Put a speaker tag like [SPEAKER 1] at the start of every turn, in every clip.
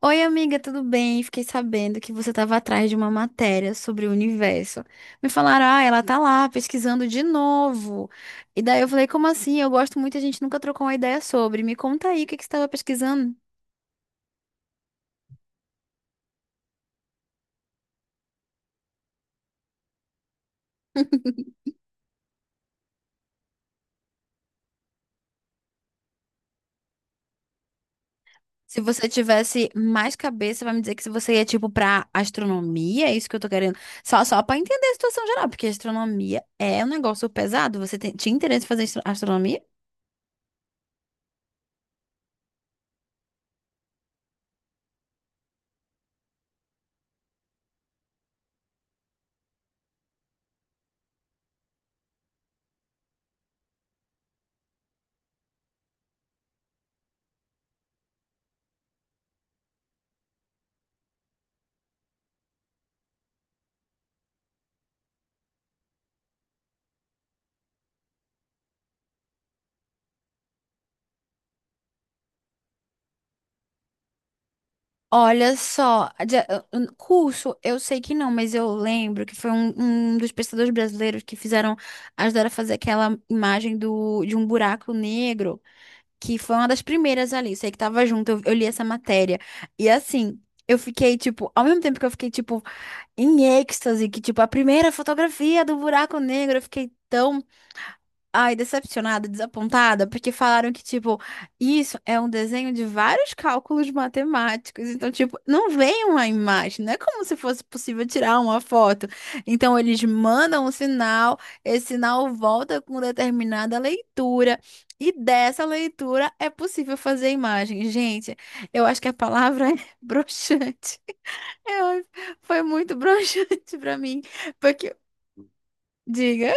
[SPEAKER 1] Oi, amiga, tudo bem? Fiquei sabendo que você estava atrás de uma matéria sobre o universo. Me falaram, ah, ela tá lá pesquisando de novo. E daí eu falei, como assim? Eu gosto muito, a gente nunca trocou uma ideia sobre. Me conta aí o que que você estava pesquisando. Se você tivesse mais cabeça, vai me dizer que se você ia, tipo, pra astronomia, é isso que eu tô querendo. Só pra entender a situação geral, porque astronomia é um negócio pesado. Você tem, tinha interesse em fazer astronomia? Olha só, a curso, eu sei que não, mas eu lembro que foi um dos pesquisadores brasileiros que fizeram, ajudaram a fazer aquela imagem do, de um buraco negro, que foi uma das primeiras ali, sei que tava junto, eu li essa matéria. E assim, eu fiquei, tipo, ao mesmo tempo que eu fiquei, tipo, em êxtase, que, tipo, a primeira fotografia do buraco negro, eu fiquei tão. Ai, decepcionada, desapontada, porque falaram que, tipo, isso é um desenho de vários cálculos matemáticos. Então, tipo, não vem uma imagem, não é como se fosse possível tirar uma foto. Então, eles mandam um sinal, esse sinal volta com determinada leitura, e dessa leitura é possível fazer a imagem. Gente, eu acho que a palavra é broxante. Eu- foi muito broxante pra mim, porque, diga.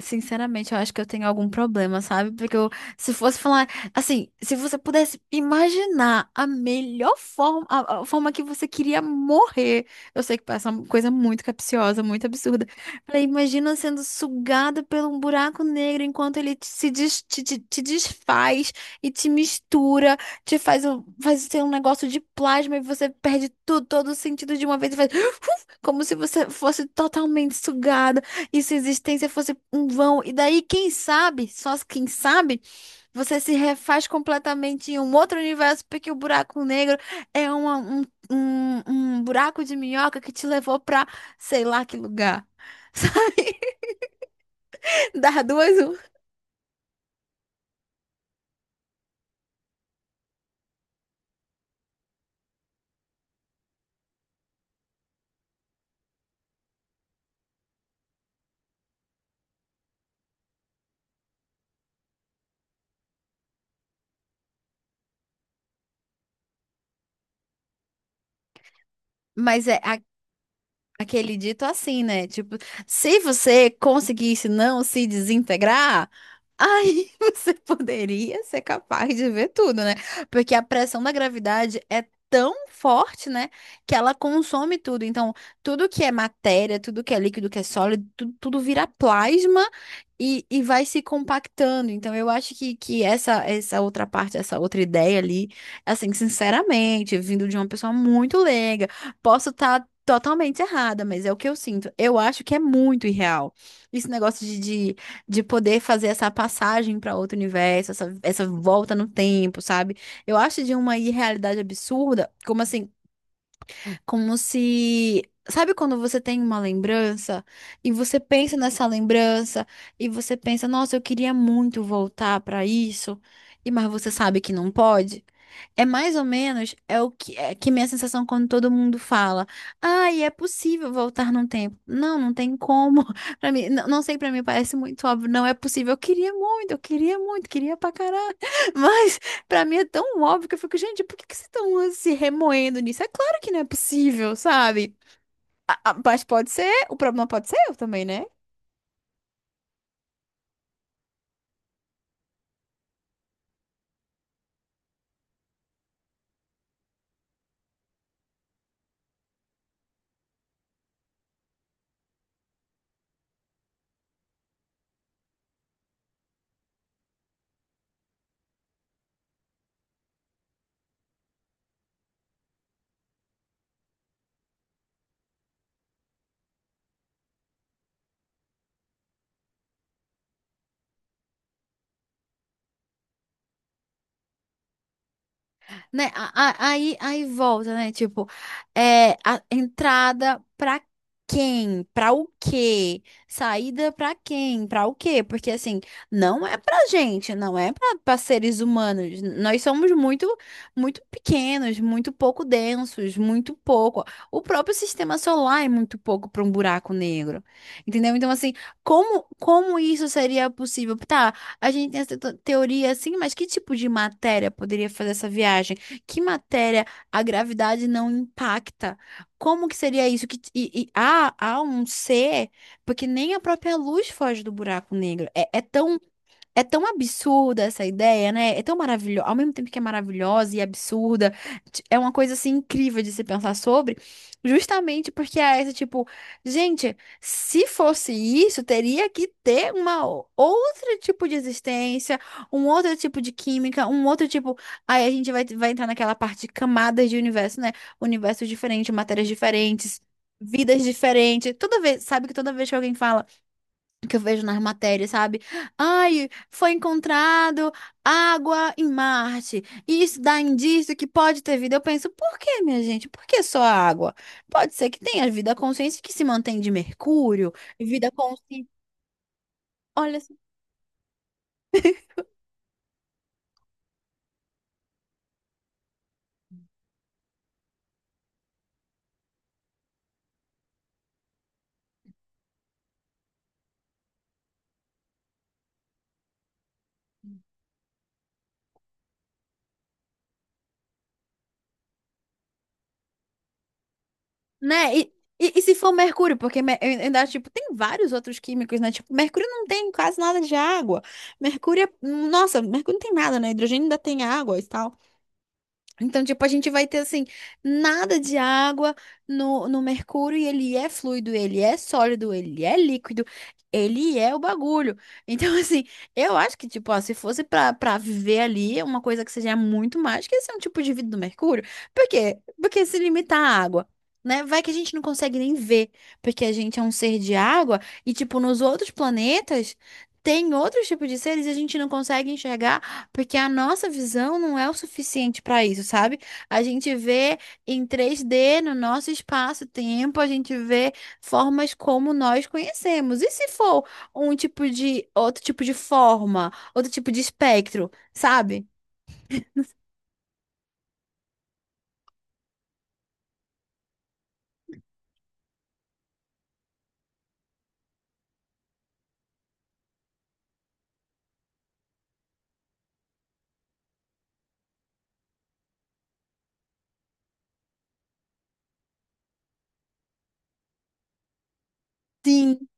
[SPEAKER 1] Sinceramente, eu acho que eu tenho algum problema, sabe? Porque eu, se fosse falar, assim, se você pudesse imaginar a melhor forma, a forma que você queria morrer, eu sei que parece uma coisa muito capciosa, muito absurda. Falei, imagina sendo sugada pelo um buraco negro enquanto ele te- se des- te desfaz e te mistura, te faz, faz ser um negócio de plasma e você perde tudo, todo o sentido de uma vez e faz, como se você fosse totalmente sugada. E se a existência fosse um vão, e daí, quem sabe, só quem sabe, você se refaz completamente em um outro universo, porque o buraco negro é um buraco de minhoca que te levou pra sei lá que lugar. Sabe? Dar duas, um. Mas é aquele dito assim, né? Tipo, se você conseguisse não se desintegrar. Aí você poderia ser capaz de ver tudo, né? Porque a pressão da gravidade é tão forte, né? Que ela consome tudo. Então, tudo que é matéria, tudo que é líquido, que é sólido, tudo, tudo vira plasma e vai se compactando. Então, eu acho que essa outra parte, essa outra ideia ali, assim, sinceramente, vindo de uma pessoa muito leiga, posso estar totalmente errada, mas é o que eu sinto. Eu acho que é muito irreal. Esse negócio de poder fazer essa passagem para outro universo, essa volta no tempo, sabe? Eu acho de uma irrealidade absurda, como assim, como se. Sabe quando você tem uma lembrança e você pensa nessa lembrança e você pensa, nossa, eu queria muito voltar para isso, e mas você sabe que não pode? É mais ou menos é o que é que minha sensação quando todo mundo fala: "Ai, é possível voltar no tempo." Não, não tem como. Para mim, não, não sei, para mim parece muito óbvio, não é possível. Eu queria muito, queria pra caralho. Mas pra mim é tão óbvio que eu fico, gente, por que que vocês estão se remoendo nisso? É claro que não é possível, sabe? Mas pode ser, o problema pode ser eu também, né? Né? Aí, aí volta, né? Tipo, é, a entrada pra quem? Pra o quê? Saída pra quem? Pra o quê? Porque assim, não é pra gente, não é pra, pra seres humanos. Nós somos muito, muito pequenos, muito pouco densos, muito pouco. O próprio sistema solar é muito pouco pra um buraco negro. Entendeu? Então, assim, como, como isso seria possível? Tá, a gente tem essa teoria assim, mas que tipo de matéria poderia fazer essa viagem? Que matéria a gravidade não impacta? Como que seria isso? Que, e há, há um ser, porque nem a própria luz foge do buraco negro. É tão absurda essa ideia, né? É tão maravilhosa. Ao mesmo tempo que é maravilhosa e absurda, é uma coisa assim incrível de se pensar sobre, justamente porque é esse tipo, gente, se fosse isso, teria que ter outro tipo de existência, um outro tipo de química, um outro tipo. Aí a gente vai, vai entrar naquela parte de camadas de universo, né? Universo diferente, matérias diferentes. Vidas diferentes. Toda vez, sabe que toda vez que alguém fala que eu vejo nas matérias, sabe? Ai, foi encontrado água em Marte. E isso dá indício que pode ter vida. Eu penso, por que, minha gente? Por que só água? Pode ser que tenha vida consciente que se mantém de Mercúrio, vida consciente, olha, só, né? E se for Mercúrio, porque eu ainda tipo, tem vários outros químicos, né? Tipo, Mercúrio não tem quase nada de água. Mercúrio é, nossa, Mercúrio não tem nada, né? Hidrogênio ainda tem água e tal. Então, tipo, a gente vai ter assim, nada de água no mercúrio e ele é fluido, ele é sólido, ele é líquido, ele é o bagulho. Então, assim, eu acho que, tipo, ó, se fosse pra, pra viver ali, é uma coisa que seja muito mais que esse é um tipo de vida do mercúrio. Por quê? Porque se limitar à água. Né? Vai que a gente não consegue nem ver, porque a gente é um ser de água e, tipo, nos outros planetas tem outros tipos de seres e a gente não consegue enxergar porque a nossa visão não é o suficiente para isso, sabe? A gente vê em três d no nosso espaço-tempo, a gente vê formas como nós conhecemos. E se for um tipo de outro tipo de forma, outro tipo de espectro, sabe? Sim,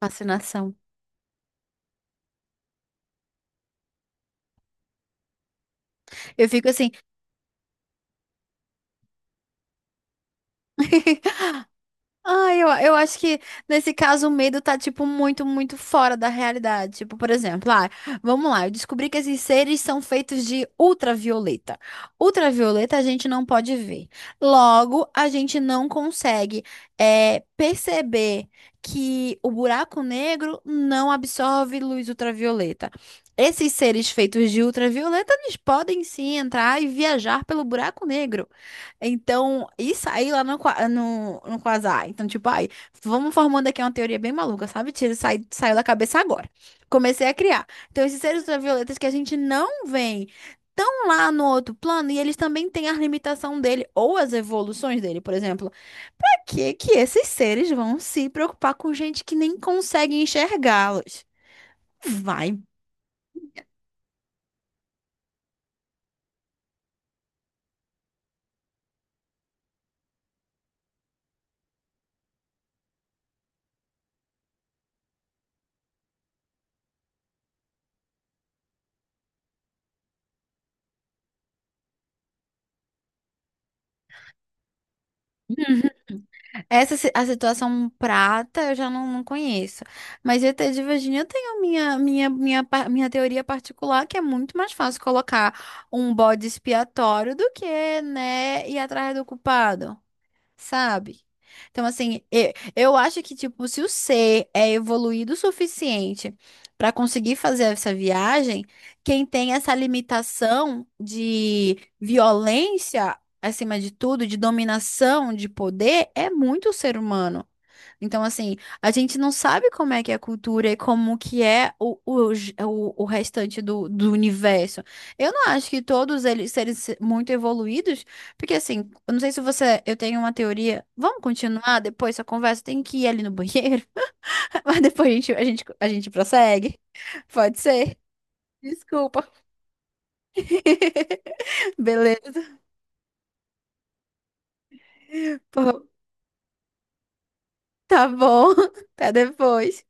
[SPEAKER 1] fascinação. Eu fico assim. Ah, eu acho que nesse caso o medo tá, tipo, muito, muito fora da realidade. Tipo, por exemplo, ah, vamos lá, eu descobri que esses seres são feitos de ultravioleta. Ultravioleta a gente não pode ver. Logo, a gente não consegue, perceber que o buraco negro não absorve luz ultravioleta. Esses seres feitos de ultravioleta, eles podem sim entrar e viajar pelo buraco negro. Então, isso aí lá no Quasar. Então, tipo, ai, vamos formando aqui uma teoria bem maluca, sabe? Tira, sai, saiu da cabeça agora. Comecei a criar. Então, esses seres ultravioletas que a gente não vê estão lá no outro plano e eles também têm a limitação dele ou as evoluções dele, por exemplo. Pra que que esses seres vão se preocupar com gente que nem consegue enxergá-los? Vai. A situação prata eu já não, não conheço. Mas ET de Virginia eu tenho minha teoria particular, que é muito mais fácil colocar um bode expiatório do que, né, ir atrás do culpado, sabe? Então, assim, eu acho que, tipo, se o ser é evoluído o suficiente para conseguir fazer essa viagem, quem tem essa limitação de violência, acima de tudo, de dominação, de poder, é muito o ser humano. Então, assim, a gente não sabe como é que é a cultura e como que é o restante do, do universo. Eu não acho que todos eles serem muito evoluídos, porque assim, eu não sei se você, eu tenho uma teoria. Vamos continuar depois essa conversa? Tem que ir ali no banheiro, mas depois a gente prossegue. Pode ser? Desculpa. Beleza. Pô, tá bom. Até depois.